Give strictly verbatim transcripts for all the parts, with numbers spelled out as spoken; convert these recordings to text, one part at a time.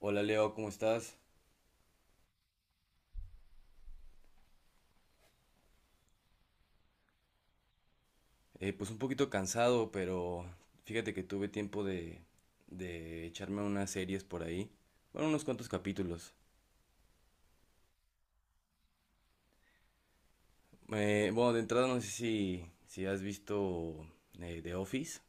Hola Leo, ¿cómo estás? Eh, pues un poquito cansado, pero fíjate que tuve tiempo de, de echarme unas series por ahí. Bueno, unos cuantos capítulos. Eh, bueno, de entrada no sé si, si has visto eh, The Office.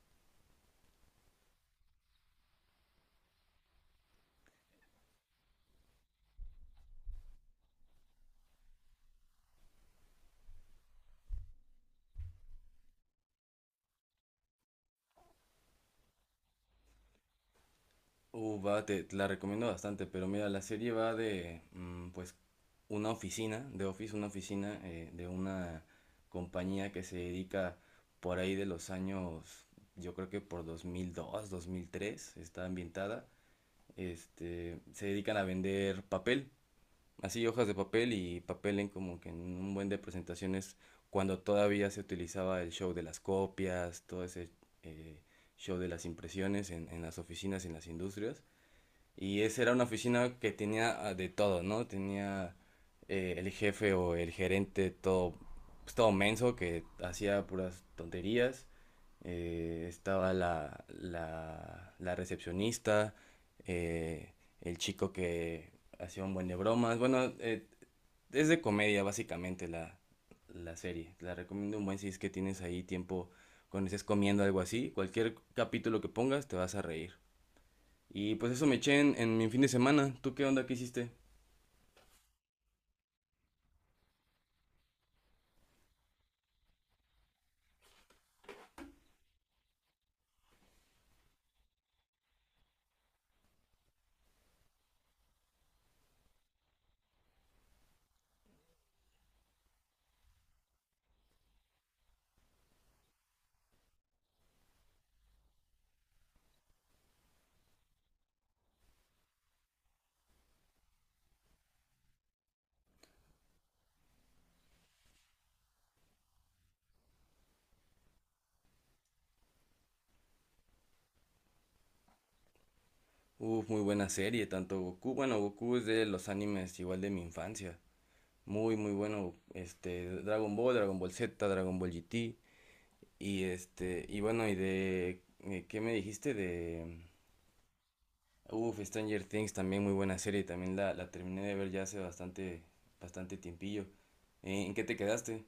Uh, va, te, te la recomiendo bastante, pero mira, la serie va de mm, pues una oficina, de Office, una oficina eh, de una compañía que se dedica por ahí de los años, yo creo que por dos mil dos, dos mil tres, está ambientada. Este, se dedican a vender papel, así hojas de papel y papel en como que en un buen de presentaciones cuando todavía se utilizaba el show de las copias, todo ese eh, show de las impresiones en, en las oficinas y en las industrias. Y esa era una oficina que tenía ah, de todo, ¿no? Tenía eh, el jefe o el gerente todo, pues, todo menso que hacía puras tonterías. Eh, estaba la, la, la recepcionista, eh, el chico que hacía un buen de bromas. Bueno, eh, es de comedia básicamente la, la serie. La recomiendo un buen si es que tienes ahí tiempo cuando estés comiendo algo así. Cualquier capítulo que pongas te vas a reír. Y pues eso me eché en, en mi fin de semana. ¿Tú qué onda? ¿Qué hiciste? Uf, muy buena serie, tanto Goku. Bueno, Goku es de los animes igual de mi infancia. Muy, muy bueno. Este, Dragon Ball, Dragon Ball Z, Dragon Ball G T. Y este, y bueno, y de. eh, ¿Qué me dijiste? De. Uf, Stranger Things, también muy buena serie. También la, la terminé de ver ya hace bastante, bastante tiempillo. ¿En qué te quedaste?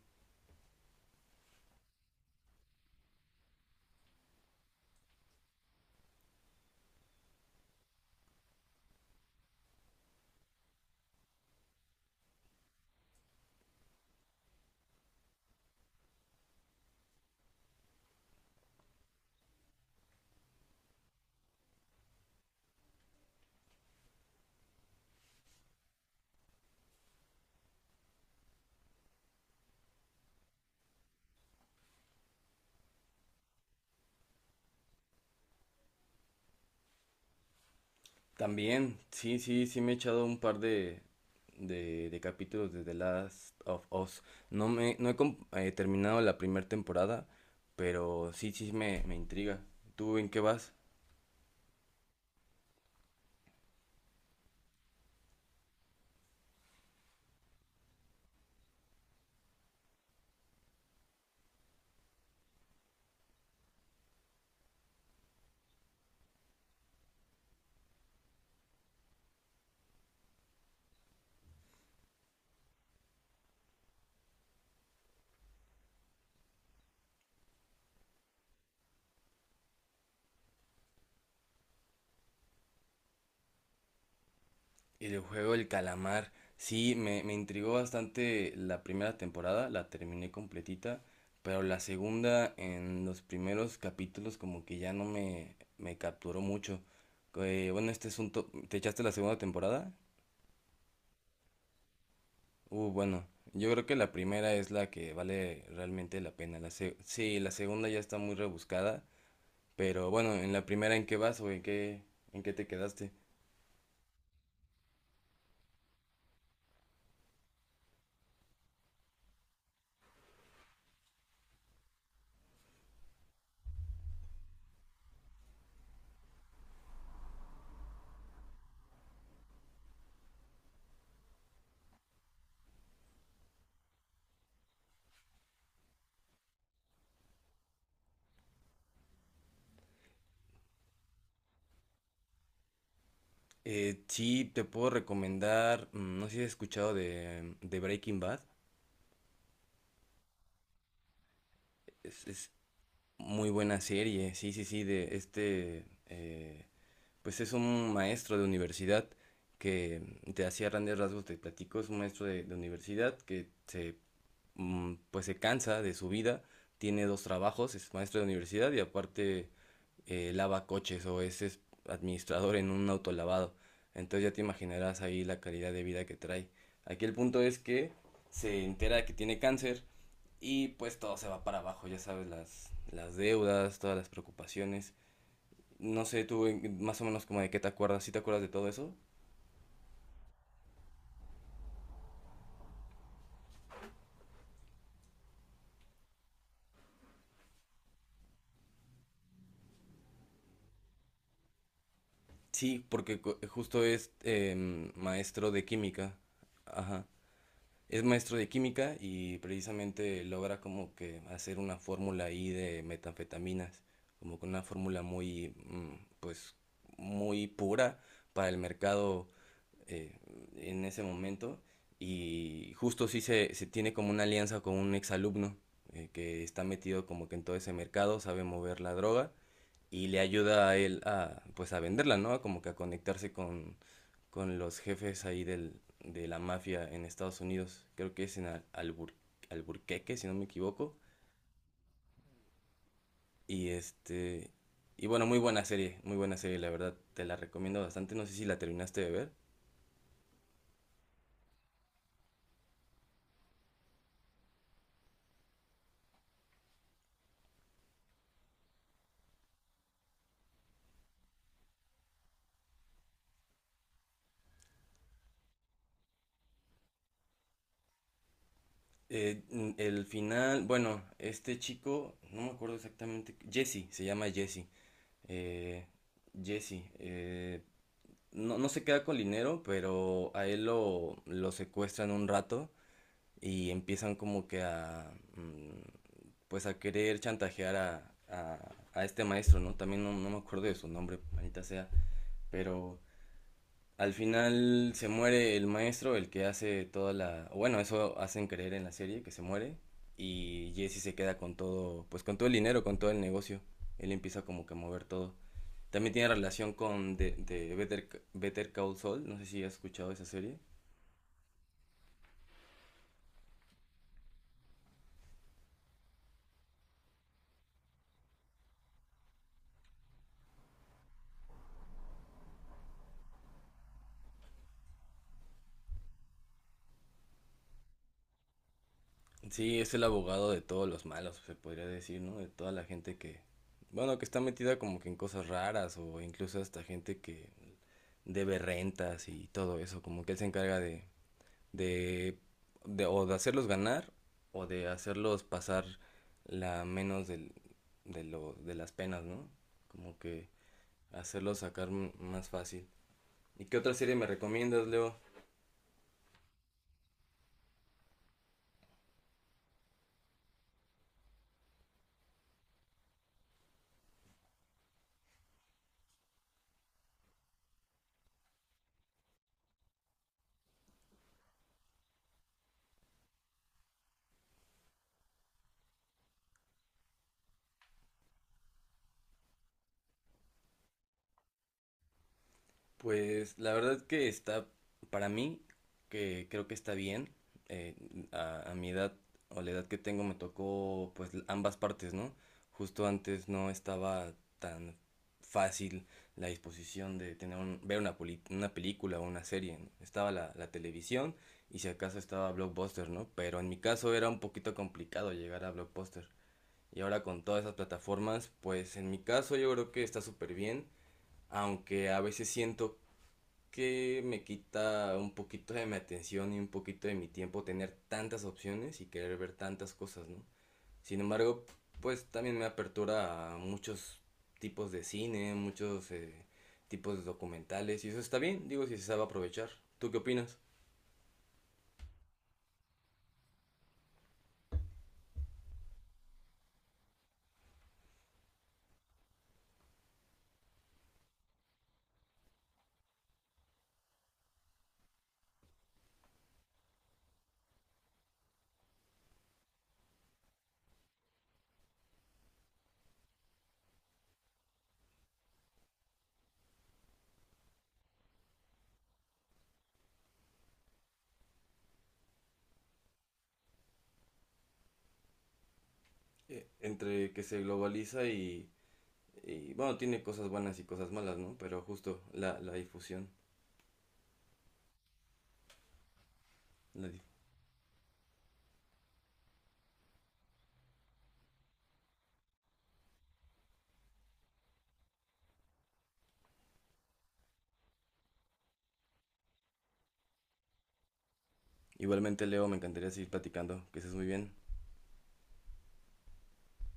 También, sí, sí, sí me he echado un par de, de, de capítulos de The Last of Us. No me, no he com- eh, terminado la primera temporada, pero sí, sí me, me intriga. ¿Tú en qué vas? Y del juego El Calamar. Sí, me, me intrigó bastante la primera temporada, la terminé completita, pero la segunda en los primeros capítulos como que ya no me, me capturó mucho. Eh, bueno, este es un... to- ¿Te echaste la segunda temporada? Uh, bueno, yo creo que la primera es la que vale realmente la pena. La se- sí, la segunda ya está muy rebuscada, pero bueno, en la primera, ¿en qué vas o en qué, en qué te quedaste? Eh, sí, te puedo recomendar, mm, no sé si has escuchado de, mm, de Breaking Bad, es, es muy buena serie, sí, sí, sí, de este, eh, pues es un maestro de universidad que te hacía grandes rasgos, te platico, es un maestro de, de universidad que se, mm, pues se cansa de su vida, tiene dos trabajos, es maestro de universidad y aparte eh, lava coches o es, es administrador en un autolavado. Entonces ya te imaginarás ahí la calidad de vida que trae. Aquí el punto es que se entera que tiene cáncer y pues todo se va para abajo, ya sabes, las, las deudas, todas las preocupaciones. No sé, tú en- más o menos como de qué te acuerdas, ¿sí te acuerdas de todo eso? Sí, porque co- justo es em, maestro de química. Ajá. Es maestro de química y precisamente logra como que hacer una fórmula ahí de metanfetaminas, como con una fórmula muy, mm, pues, muy pura para el mercado eh, en ese momento. Y justo sí se, se tiene como una alianza con un exalumno eh, que está metido como que en todo ese mercado, sabe mover la droga y le ayuda a él a, pues, a venderla, ¿no? Como que a conectarse con, con los jefes ahí del, de la mafia en Estados Unidos. Creo que es en Al- Albur- Alburqueque, si no me equivoco. Y este... Y bueno, muy buena serie, muy buena serie, la verdad, te la recomiendo bastante, no sé si la terminaste de ver. Eh, n- el final, bueno, este chico, no me acuerdo exactamente, Jesse, se llama Jesse. Eh, Jesse, eh, no, no se queda con el dinero, pero a él lo, lo secuestran un rato y empiezan como que a, mm, pues a querer chantajear a, a, a este maestro, ¿no? También no, no me acuerdo de su nombre, manita sea, pero al final se muere el maestro, el que hace toda la... Bueno, eso hacen creer en la serie, que se muere. Y Jesse se queda con todo, pues con todo el dinero, con todo el negocio. Él empieza como que a mover todo. También tiene relación con de, de Better, Better Call Saul, no sé si has escuchado esa serie. Sí, es el abogado de todos los malos, se podría decir, ¿no? De toda la gente que, bueno, que está metida como que en cosas raras o incluso hasta gente que debe rentas y todo eso, como que él se encarga de, de, de- o de hacerlos ganar o de hacerlos pasar la menos del- de, lo, de las penas, ¿no? Como que hacerlos sacar m- más fácil. ¿Y qué otra serie me recomiendas, Leo? Pues la verdad que está, para mí, que creo que está bien. Eh, a, a mi edad o la edad que tengo me tocó pues l- ambas partes, ¿no? Justo antes no estaba tan fácil la disposición de tener un- ver una, poli- una película o una serie, ¿no? Estaba la, la televisión y si acaso estaba Blockbuster, ¿no? Pero en mi caso era un poquito complicado llegar a Blockbuster. Y ahora con todas esas plataformas, pues en mi caso yo creo que está súper bien, aunque a veces siento que me quita un poquito de mi atención y un poquito de mi tiempo tener tantas opciones y querer ver tantas cosas, ¿no? Sin embargo, pues también me apertura a muchos tipos de cine, muchos eh, tipos de documentales y eso está bien, digo, si se sabe aprovechar. ¿Tú qué opinas? Eh, entre que se globaliza y, y, bueno, tiene cosas buenas y cosas malas, ¿no? Pero justo la, la difusión. La dif- Igualmente, Leo, me encantaría seguir platicando, que estés muy bien.